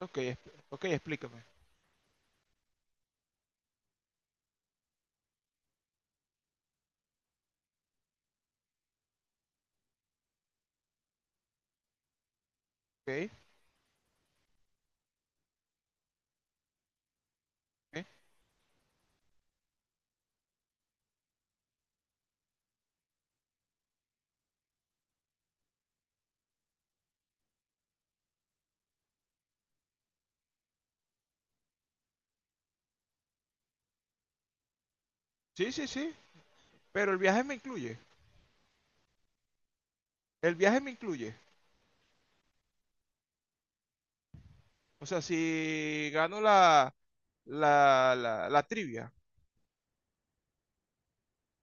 Ok, es- ok, explícame. Ok, ok. Sí, sí, sí, pero el viaje me incluye. El viaje me incluye. O sea, si gano la trivia.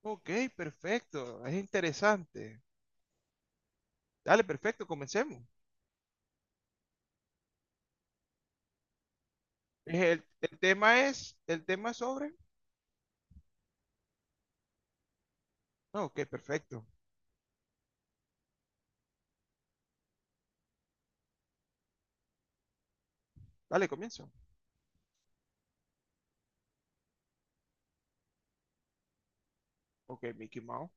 Ok, perfecto, es interesante. Dale, perfecto, comencemos. El tema es, el tema es sobre. No, ok, perfecto. Dale, comienzo. Ok, Mickey Mouse.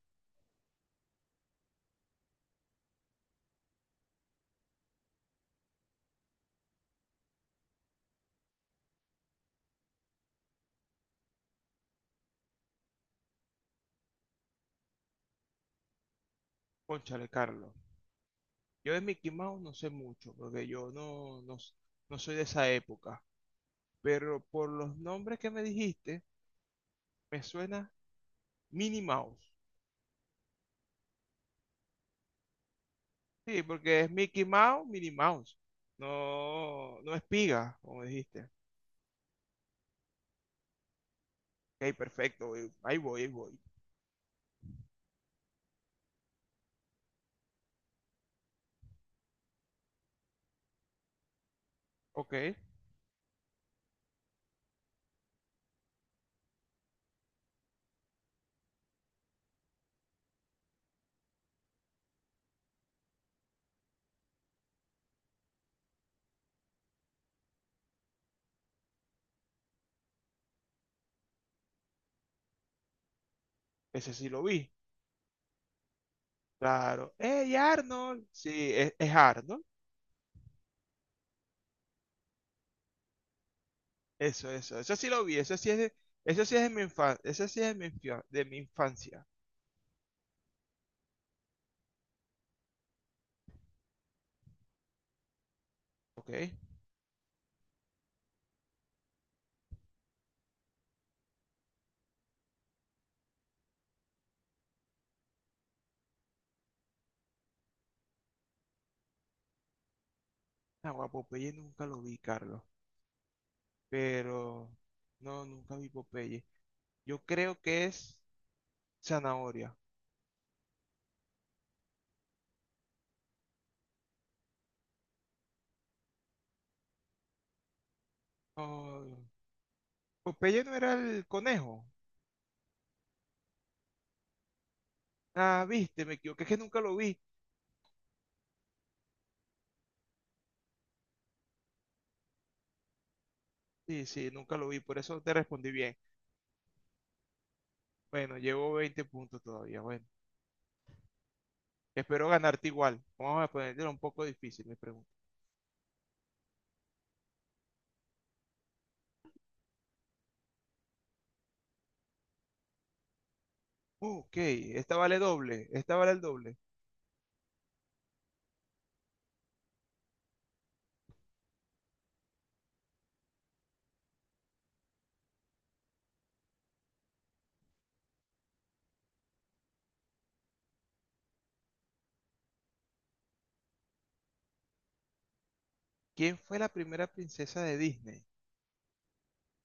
Cónchale, Carlos. Yo de Mickey Mouse no sé mucho, porque yo no soy de esa época. Pero por los nombres que me dijiste, me suena Minnie Mouse. Sí, porque es Mickey Mouse, Minnie Mouse. No, no es piga, como dijiste. Ok, perfecto. Güey. Ahí voy, ahí voy. Ok, ese sí lo vi. Claro. ¡Ey, Arnold! Sí, es Arnold. Eso, eso. Eso sí lo vi. Eso sí es de mi infancia. Eso sí es de de mi infancia. Ok. Agua, Popeye nunca lo vi, Carlos. Pero. No, nunca vi Popeye. Yo creo que es zanahoria. Oh, Popeye no era el conejo. Ah, viste, me equivoqué, es que nunca lo vi. Sí, sí, nunca lo vi, por eso te respondí bien. Bueno, llevo 20 puntos todavía, bueno. Espero ganarte igual. Vamos a ponerle un poco difícil, mi pregunta. Ok, esta vale doble, esta vale el doble. ¿Quién fue la primera princesa de Disney?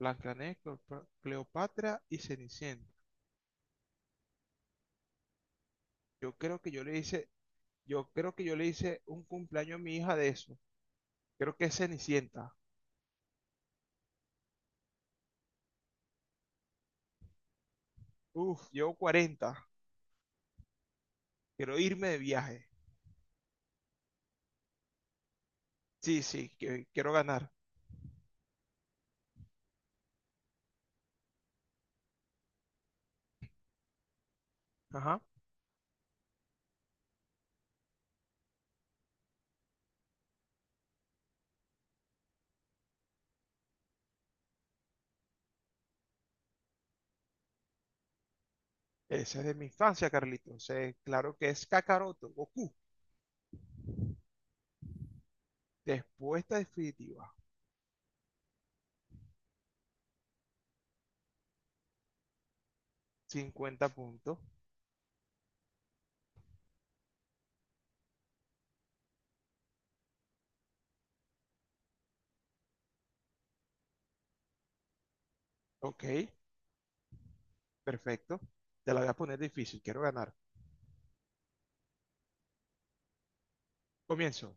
Blancanieves, Cleopatra y Cenicienta. Yo creo que yo le hice, yo creo que yo le hice un cumpleaños a mi hija de eso. Creo que es Cenicienta. Uf, llevo 40. Quiero irme de viaje. Sí, sí, quiero ganar. Ajá. Ese es de mi infancia, Carlitos. Claro que es Kakaroto, Goku. Respuesta definitiva. 50 puntos. Ok, perfecto. Te la voy a poner difícil, quiero ganar. Comienzo.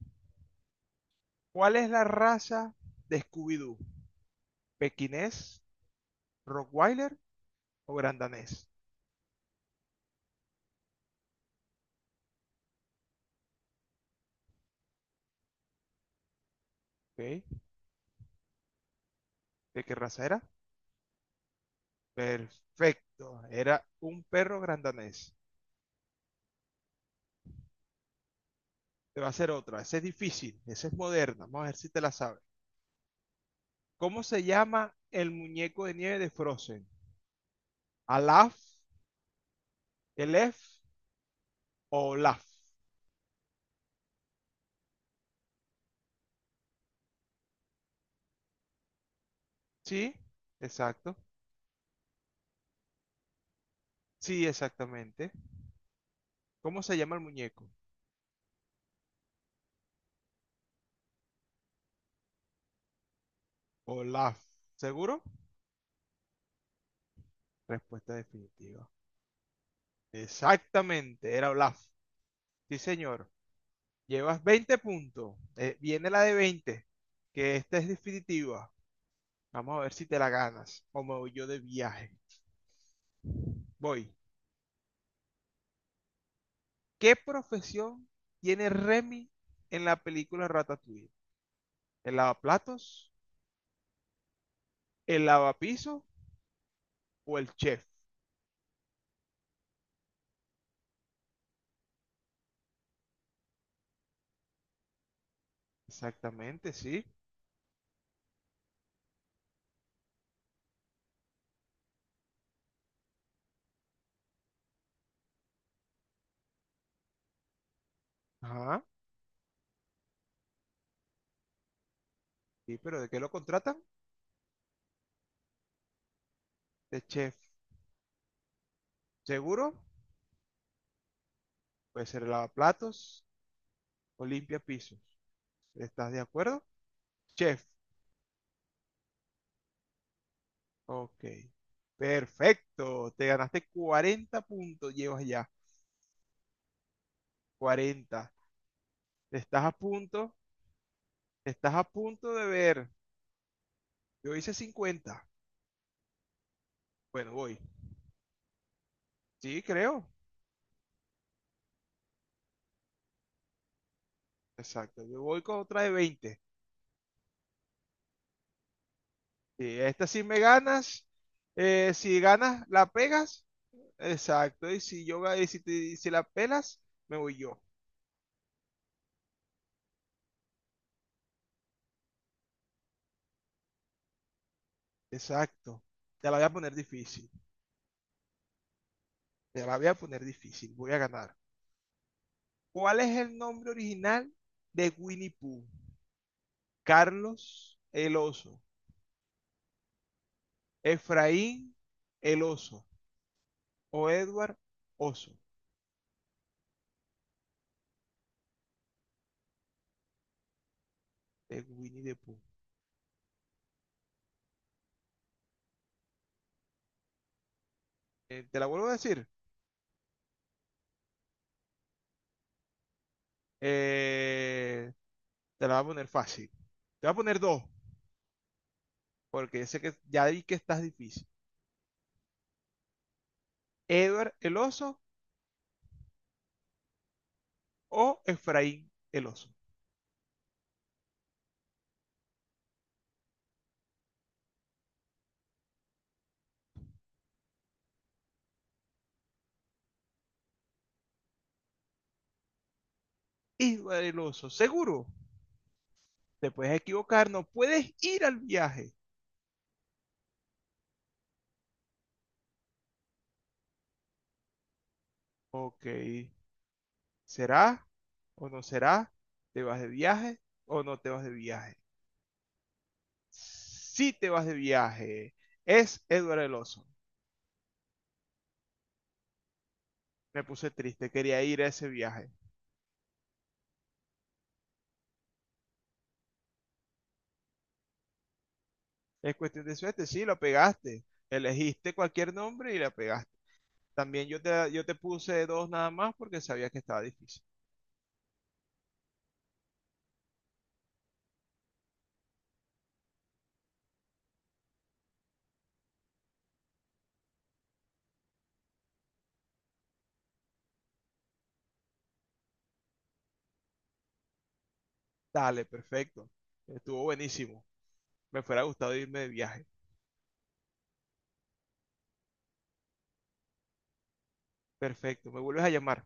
¿Cuál es la raza de Scooby-Doo? ¿Pekinés, Rockweiler o Grandanés? Ok, ¿de qué raza era? Perfecto, era un perro grandanés. Te va a hacer otra, esa es difícil, esa es moderna. Vamos a ver si te la sabes. ¿Cómo se llama el muñeco de nieve de Frozen? ¿Alaf, El F o L A F? Sí, exacto. Sí, exactamente. ¿Cómo se llama el muñeco? Olaf. ¿Seguro? Respuesta definitiva. Exactamente, era Olaf. Sí, señor. Llevas 20 puntos. Viene la de 20, que esta es definitiva. Vamos a ver si te la ganas o me voy yo de viaje. Voy. ¿Qué profesión tiene Remy en la película Ratatouille? ¿El lavaplatos, el lavapiso o el chef? Exactamente, sí. Ajá. Sí, pero ¿de qué lo contratan? De chef. ¿Seguro? Puede ser lavaplatos o limpia pisos. ¿Estás de acuerdo? Chef. Ok. Perfecto. Te ganaste 40 puntos. Llevas ya 40. Estás a punto. Estás a punto de ver. Yo hice 50. Bueno, voy. Sí, creo. Exacto. Yo voy con otra de 20. Sí, esta sí me ganas. Si ganas, la pegas. Exacto. Y si la pelas, me voy yo. Exacto. Te la voy a poner difícil. Te la voy a poner difícil. Voy a ganar. ¿Cuál es el nombre original de Winnie Pooh? Carlos el oso. Efraín el oso. O Edward oso. De Winnie the Pooh. Te la vuelvo a decir. Eh, te la voy a poner fácil. Te voy a poner dos. Porque sé que ya vi que estás difícil. Edward el oso o Efraín el oso. Y el seguro, te puedes equivocar, no puedes ir al viaje. Ok, ¿será o no será? ¿Te vas de viaje o no te vas de viaje? Si te vas de viaje. Es Edward el oso. Me puse triste, quería ir a ese viaje. Es cuestión de suerte, sí, lo pegaste. Elegiste cualquier nombre y la pegaste. Yo te puse dos nada más porque sabía que estaba difícil. Dale, perfecto. Estuvo buenísimo. Me fuera gustado irme de viaje. Perfecto, me vuelves a llamar.